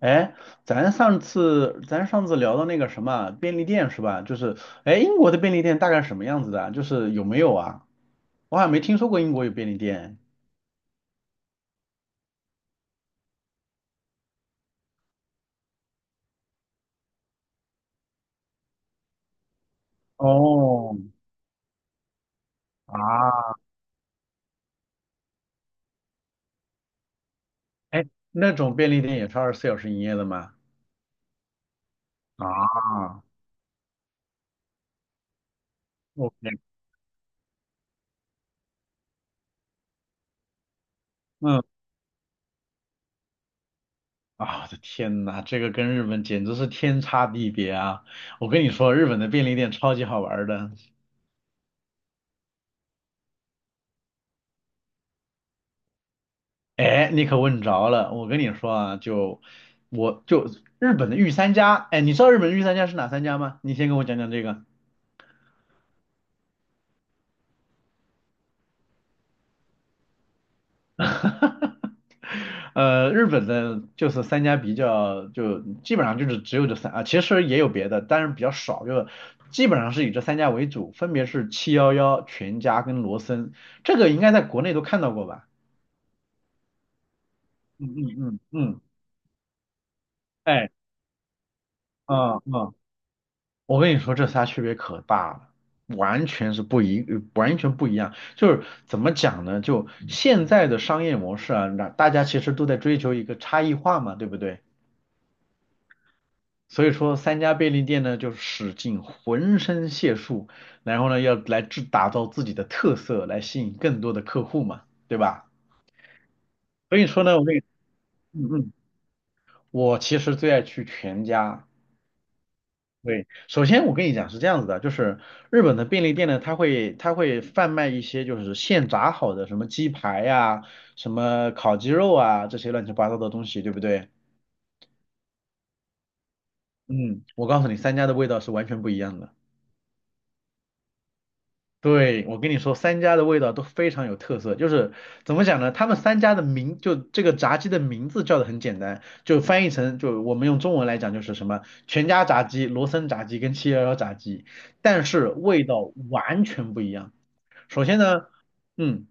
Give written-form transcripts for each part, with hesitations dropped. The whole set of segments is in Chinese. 哎，咱上次聊到那个什么便利店是吧？就是，哎，英国的便利店大概什么样子的啊就是有没有啊？我好像没听说过英国有便利店。哦，啊，哎，那种便利店也是24小时营业的吗？啊，OK，嗯，啊，我的天呐，这个跟日本简直是天差地别啊！我跟你说，日本的便利店超级好玩儿的。哎，你可问着了，我跟你说啊，就日本的御三家，哎，你知道日本的御三家是哪三家吗？你先跟我讲讲这个。日本的就是三家比较，就基本上就是只有这三啊，其实也有别的，但是比较少，就基本上是以这三家为主，分别是七幺幺、全家跟罗森，这个应该在国内都看到过吧？嗯嗯嗯嗯，哎，嗯嗯。啊我跟你说，这仨区别可大了，完全不一样。就是怎么讲呢？就现在的商业模式啊，那大家其实都在追求一个差异化嘛，对不对？所以说，三家便利店呢，就使尽浑身解数，然后呢，要来制打造自己的特色，来吸引更多的客户嘛，对吧？所以说呢，我跟你，嗯嗯，我其实最爱去全家，对，首先我跟你讲是这样子的，就是日本的便利店呢，它会贩卖一些就是现炸好的什么鸡排呀、什么烤鸡肉啊这些乱七八糟的东西，对不对？嗯，我告诉你，三家的味道是完全不一样的。对，我跟你说，三家的味道都非常有特色，就是怎么讲呢？他们三家的名，就这个炸鸡的名字叫的很简单，就翻译成，就我们用中文来讲就是什么全家炸鸡、罗森炸鸡跟七幺幺炸鸡，但是味道完全不一样。首先呢，嗯，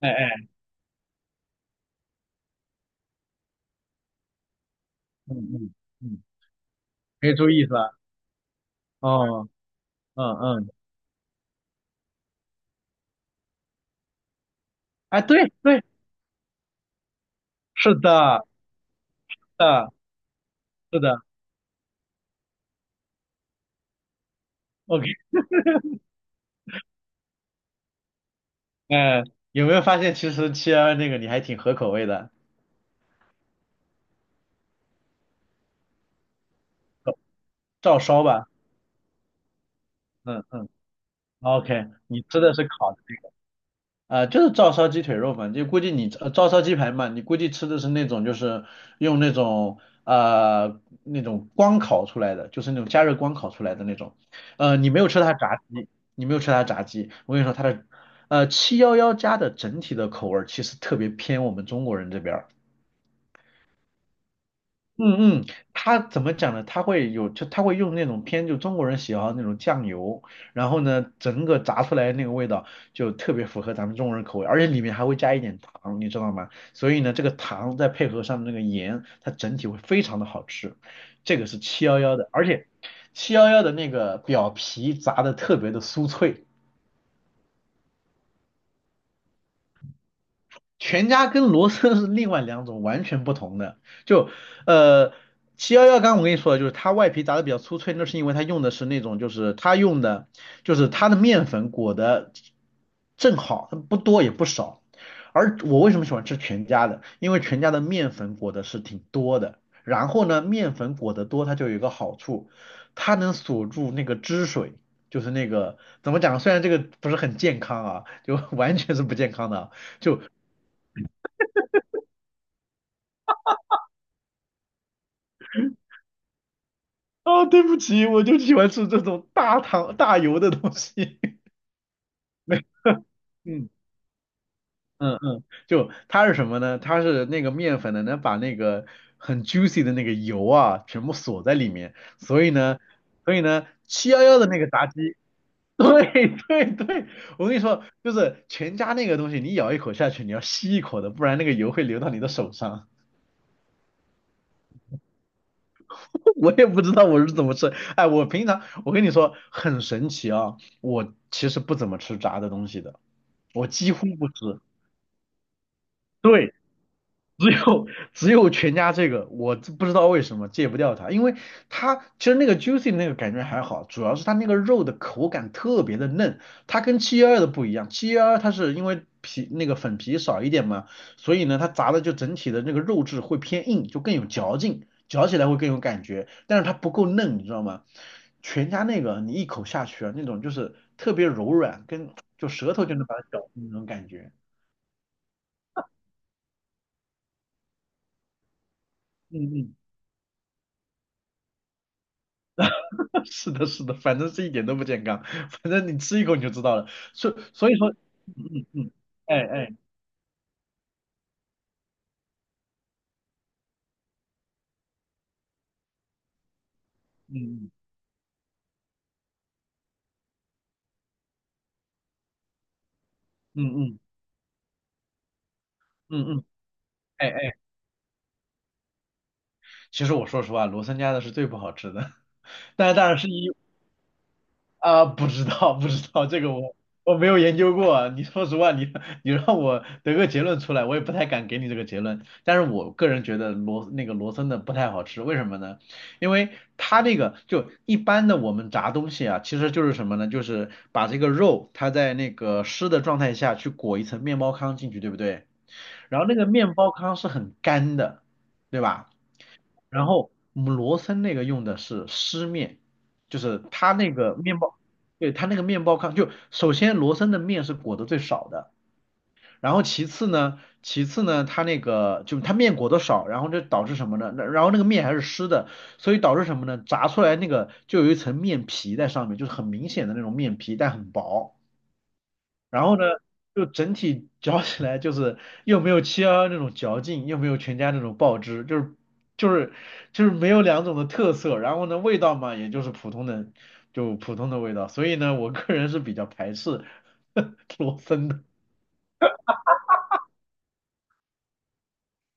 哎哎，嗯嗯嗯，没注意是吧？哦，嗯嗯，哎，对对，是的，嗯，是的，OK，哎，有没有发现其实七幺幺那个你还挺合口味的，照烧吧，嗯嗯，OK，你吃的是烤的。啊，就是照烧鸡腿肉嘛，就估计你照烧鸡排嘛，你估计吃的是那种就是用那种那种光烤出来的，就是那种加热光烤出来的那种。你没有吃它炸鸡，你没有吃它炸鸡。我跟你说，它的七幺幺家的整体的口味儿其实特别偏我们中国人这边儿嗯嗯，他怎么讲呢？他会有，就他会用那种偏就中国人喜好的那种酱油，然后呢，整个炸出来的那个味道就特别符合咱们中国人口味，而且里面还会加一点糖，你知道吗？所以呢，这个糖再配合上那个盐，它整体会非常的好吃。这个是七幺幺的，而且七幺幺的那个表皮炸的特别的酥脆。全家跟罗森是另外两种完全不同的。就呃，七幺幺刚我跟你说的，就是它外皮炸的比较酥脆，那是因为它用的是那种，就是它用的就是它的面粉裹的正好，它不多也不少。而我为什么喜欢吃全家的？因为全家的面粉裹的是挺多的，然后呢，面粉裹得多，它就有一个好处，它能锁住那个汁水。就是那个怎么讲？虽然这个不是很健康啊，就 完全是不健康的啊，就啊，对不起，我就喜欢吃这种大糖大油的东西。没，嗯嗯嗯，就它是什么呢？它是那个面粉呢，能把那个很 juicy 的那个油啊，全部锁在里面，所以呢，所以呢，七幺幺的那个炸鸡，对对对，我跟你说，就是全家那个东西，你咬一口下去，你要吸一口的，不然那个油会流到你的手上。我也不知道我是怎么吃。哎，我平常我跟你说很神奇啊，我其实不怎么吃炸的东西的，我几乎不吃。对，只有全家这个，我这不知道为什么戒不掉它，因为它其实那个 juicy 那个感觉还好，主要是它那个肉的口感特别的嫩，它跟七幺二的不一样，七幺二它是因为皮那个粉皮少一点嘛，所以呢它炸的就整体的那个肉质会偏硬，就更有嚼劲，嚼起来会更有感觉，但是它不够嫩，你知道吗？全家那个你一口下去啊，那种就是特别柔软，跟就舌头就能把它嚼那种感觉，嗯嗯。是的，是的，反正是一点都不健康，反正你吃一口你就知道了。所以说，嗯嗯嗯，哎哎，嗯嗯嗯嗯嗯嗯，哎哎，其实我说实话，罗森家的是最不好吃的，但是当然是因啊，不知道，不知道，这个我我没有研究过啊。你说实话，你你让我得个结论出来，我也不太敢给你这个结论。但是我个人觉得罗那个罗森的不太好吃，为什么呢？因为它那个就一般的我们炸东西啊，其实就是什么呢？就是把这个肉它在那个湿的状态下去裹一层面包糠进去，对不对？然后那个面包糠是很干的，对吧？然后我们罗森那个用的是湿面，就是它那个面包，对，它那个面包糠，就首先罗森的面是裹得最少的，然后其次呢，它那个就它面裹得少，然后就导致什么呢？那然后那个面还是湿的，所以导致什么呢？炸出来那个就有一层面皮在上面，就是很明显的那种面皮，但很薄。然后呢，就整体嚼起来就是又没有七幺幺那种嚼劲，又没有全家那种爆汁，就是就是没有两种的特色。然后呢，味道嘛，也就是普通的，就普通的味道。所以呢，我个人是比较排斥 罗森的。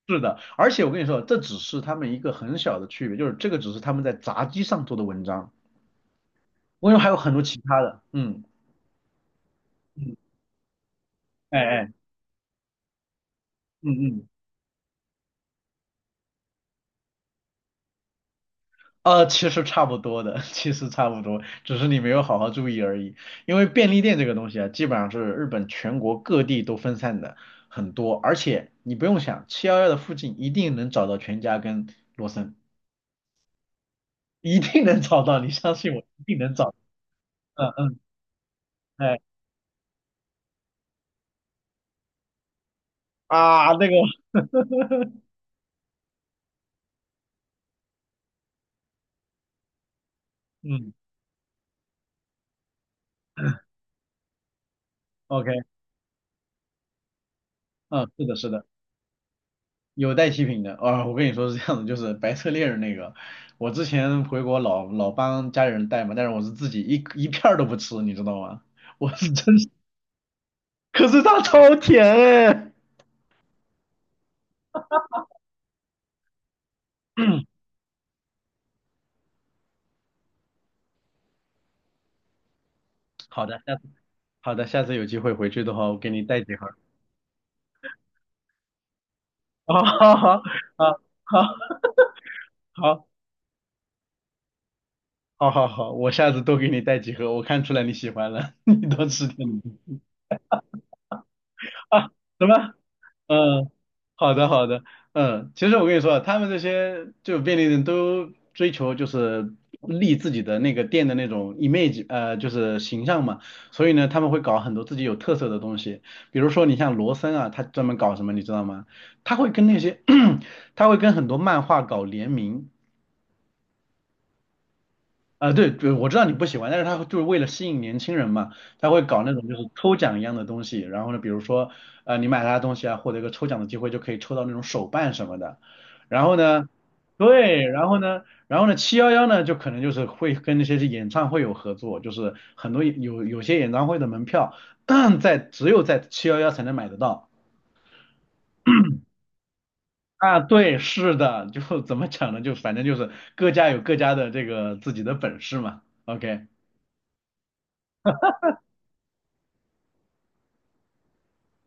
是的，而且我跟你说，这只是他们一个很小的区别，就是这个只是他们在炸鸡上做的文章。我跟你说，还有很多其他的，嗯，嗯，哎哎，嗯嗯。其实差不多的，其实差不多，只是你没有好好注意而已。因为便利店这个东西啊，基本上是日本全国各地都分散的很多，而且你不用想，七幺幺的附近一定能找到全家跟罗森，一定能找到，你相信我，一定能找到。嗯嗯，哎啊，那个，嗯，OK，嗯，是的，是的。有带七品的，啊、我跟你说是这样的，就是白色恋人那个，我之前回国老帮家里人带嘛，但是我是自己一片儿都不吃，你知道吗？我是真是，可是它超甜哎。好的，下次好的，下次有机会回去的话，我给你带几盒。啊，好好好好好好好，我下次多给你带几盒，我看出来你喜欢了，你多吃点。啊，什么？嗯，好的好的，嗯，其实我跟你说啊，他们这些就便利店都追求就是立自己的那个店的那种 image，就是形象嘛，所以呢，他们会搞很多自己有特色的东西，比如说你像罗森啊，他专门搞什么，你知道吗？他会跟那些 他会跟很多漫画搞联名。啊，对对，我知道你不喜欢，但是他就是为了吸引年轻人嘛，他会搞那种就是抽奖一样的东西，然后呢，比如说，你买他的东西啊，获得一个抽奖的机会，就可以抽到那种手办什么的，然后呢，对，然后呢，七幺幺呢，就可能就是会跟那些演唱会有合作，就是很多有些演唱会的门票，在只有在七幺幺才能买得到。啊，对，是的，就怎么讲呢？就反正就是各家有各家的这个自己的本事嘛。OK，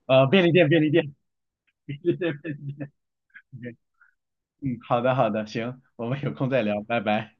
便利店。对对对，嗯，好的好的，行，我们有空再聊，拜拜。